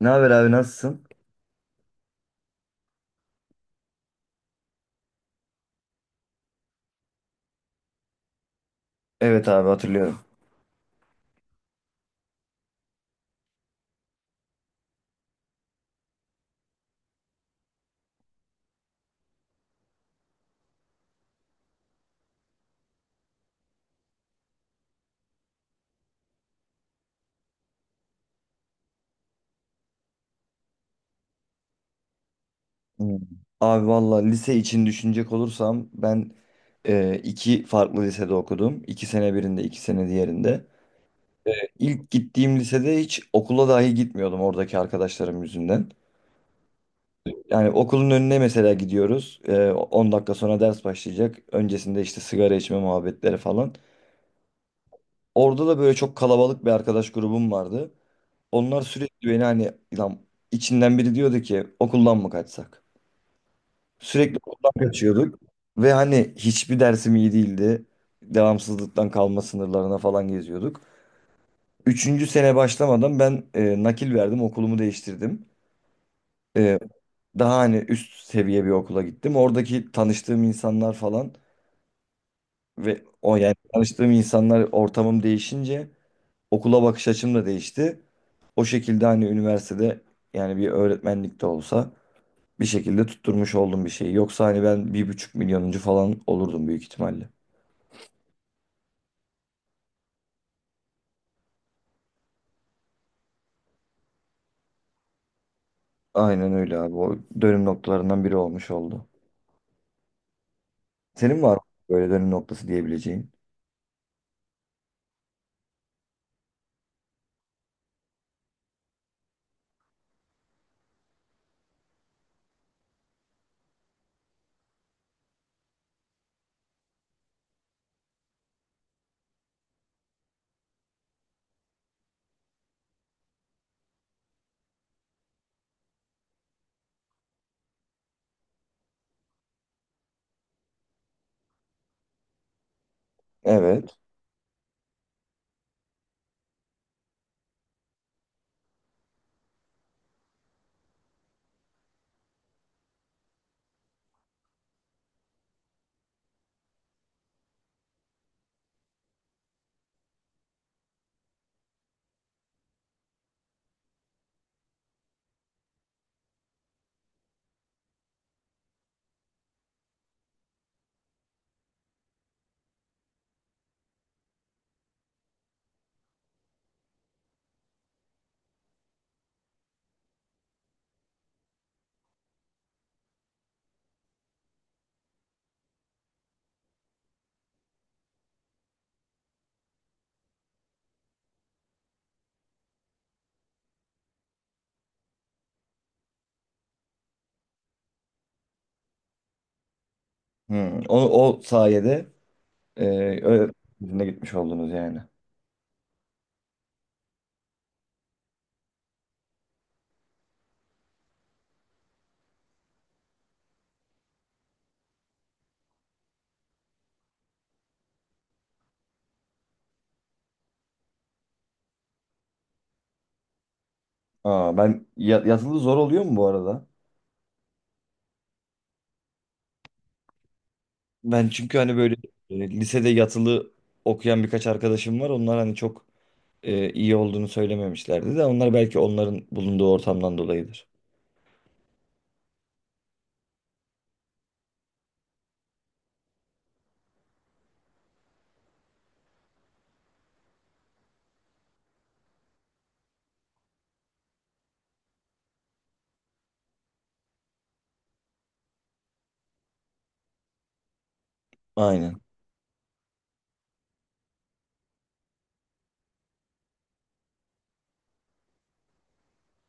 Ne haber abi, nasılsın? Evet abi, hatırlıyorum. Hmm. Abi valla, lise için düşünecek olursam ben iki farklı lisede okudum. İki sene birinde, iki sene diğerinde. İlk gittiğim lisede hiç okula dahi gitmiyordum oradaki arkadaşlarım yüzünden. Yani okulun önüne mesela gidiyoruz. 10 dakika sonra ders başlayacak. Öncesinde işte sigara içme muhabbetleri falan. Orada da böyle çok kalabalık bir arkadaş grubum vardı. Onlar sürekli beni hani lan içinden biri diyordu ki okuldan mı kaçsak? Sürekli okuldan kaçıyorduk. Ve hani hiçbir dersim iyi değildi. Devamsızlıktan kalma sınırlarına falan geziyorduk. Üçüncü sene başlamadan ben nakil verdim, okulumu değiştirdim. E, Daha hani üst seviye bir okula gittim. Oradaki tanıştığım insanlar falan ve o, yani tanıştığım insanlar, ortamım değişince okula bakış açım da değişti. O şekilde hani üniversitede, yani bir öğretmenlik de olsa, bir şekilde tutturmuş oldum bir şeyi. Yoksa hani ben 1.500.000'inci falan olurdum büyük ihtimalle. Aynen öyle abi. O dönüm noktalarından biri olmuş oldu. Senin var mı böyle dönüm noktası diyebileceğin? Evet. Hmm. O, o sayede e, ö- yüzüne gitmiş oldunuz yani. Aa, ben yatılı zor oluyor mu bu arada? Ben çünkü hani böyle lisede yatılı okuyan birkaç arkadaşım var. Onlar hani çok iyi olduğunu söylememişlerdi de onlar, belki onların bulunduğu ortamdan dolayıdır. Aynen.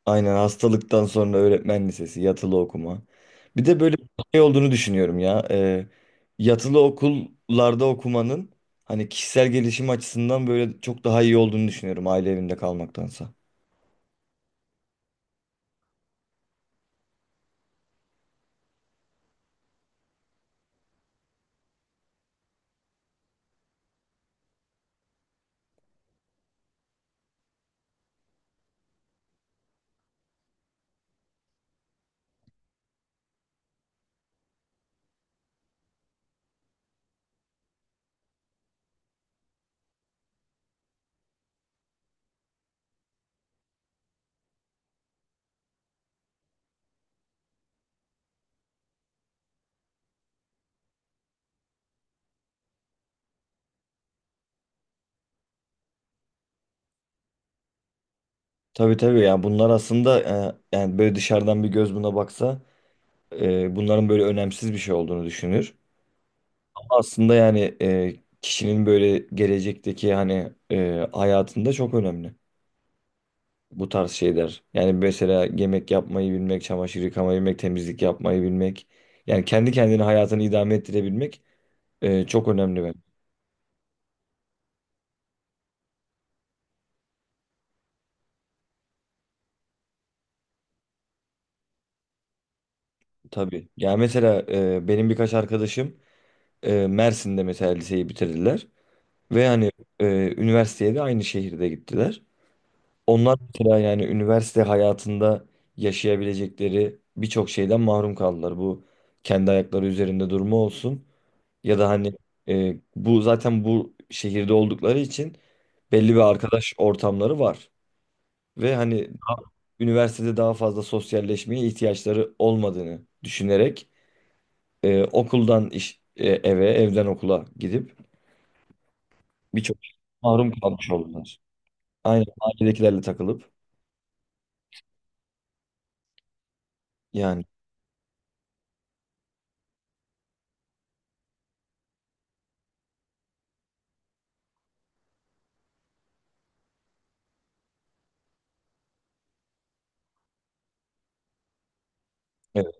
Aynen, hastalıktan sonra öğretmen lisesi, yatılı okuma. Bir de böyle bir şey olduğunu düşünüyorum ya. Yatılı okullarda okumanın hani kişisel gelişim açısından böyle çok daha iyi olduğunu düşünüyorum aile evinde kalmaktansa. Tabii tabii ya, bunlar aslında yani böyle dışarıdan bir göz buna baksa bunların böyle önemsiz bir şey olduğunu düşünür. Ama aslında yani kişinin böyle gelecekteki hani hayatında çok önemli bu tarz şeyler. Yani mesela yemek yapmayı bilmek, çamaşır yıkamayı bilmek, temizlik yapmayı bilmek. Yani kendi kendine hayatını idame ettirebilmek çok önemli ben. Tabii. Yani mesela benim birkaç arkadaşım Mersin'de mesela liseyi bitirdiler. Ve hani üniversiteye de aynı şehirde gittiler. Onlar mesela yani üniversite hayatında yaşayabilecekleri birçok şeyden mahrum kaldılar. Bu kendi ayakları üzerinde durma olsun. Ya da hani bu zaten bu şehirde oldukları için belli bir arkadaş ortamları var. Ve hani üniversitede daha fazla sosyalleşmeye ihtiyaçları olmadığını düşünerek okuldan iş, eve, evden okula gidip birçok şey mahrum kalmış oldular. Aynen, ailedekilerle takılıp yani. Evet,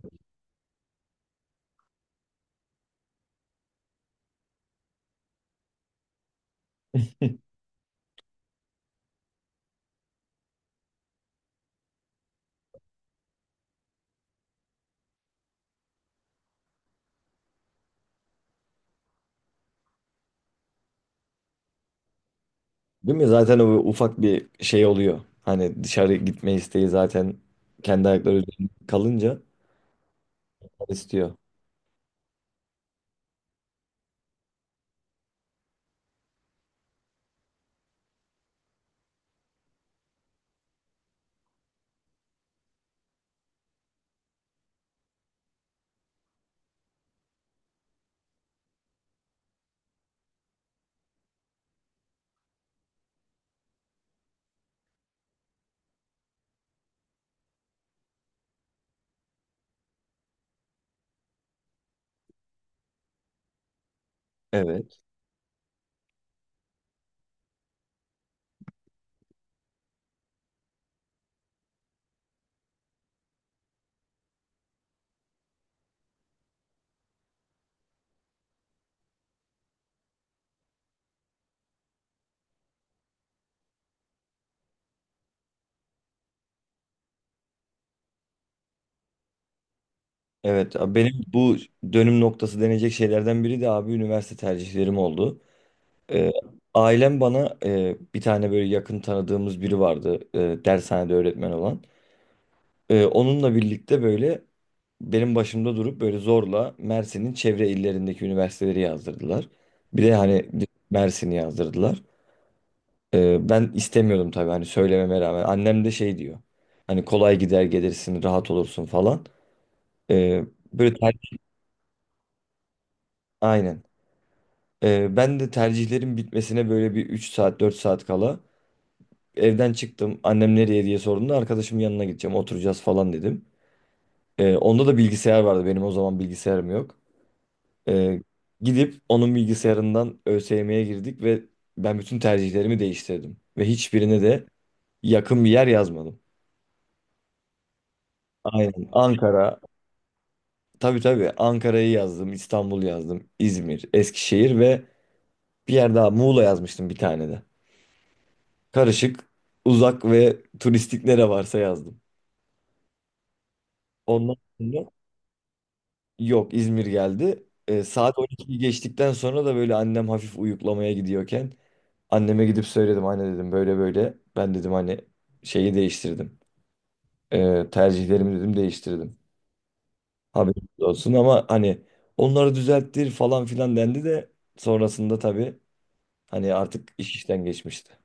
değil mi? Zaten o ufak bir şey oluyor. Hani dışarı gitme isteği zaten kendi ayakları üzerinde kalınca istiyor. Evet. Evet abi, benim bu dönüm noktası denecek şeylerden biri de abi üniversite tercihlerim oldu. Ee, Ailem bana bir tane böyle yakın tanıdığımız biri vardı, dershanede öğretmen olan. Onunla birlikte böyle benim başımda durup böyle zorla Mersin'in çevre illerindeki üniversiteleri yazdırdılar. Bir de hani Mersin'i yazdırdılar. Ben istemiyordum tabii hani, söylememe rağmen. Annem de şey diyor: hani kolay gider gelirsin, rahat olursun falan. Ee, Böyle ter, aynen. Ben de tercihlerin bitmesine böyle bir 3 saat, 4 saat kala evden çıktım. Annem nereye diye sorduğunda arkadaşımın yanına gideceğim, oturacağız falan dedim. Onda da bilgisayar vardı, benim o zaman bilgisayarım yok. Ee, Gidip onun bilgisayarından ÖSYM'ye girdik ve ben bütün tercihlerimi değiştirdim. Ve hiçbirine de yakın bir yer yazmadım. Aynen, Ankara, tabii tabii, Ankara'yı yazdım, İstanbul yazdım, İzmir, Eskişehir ve bir yer daha, Muğla yazmıştım bir tane de. Karışık, uzak ve turistik nere varsa yazdım. Ondan sonra, yok, İzmir geldi. Saat 12'yi geçtikten sonra da böyle annem hafif uyuklamaya gidiyorken anneme gidip söyledim. Anne dedim böyle böyle. Ben dedim hani şeyi değiştirdim. Tercihlerimi dedim değiştirdim. Haberiniz olsun, ama hani onları düzelttir falan filan dendi de sonrasında tabii hani artık iş işten geçmişti.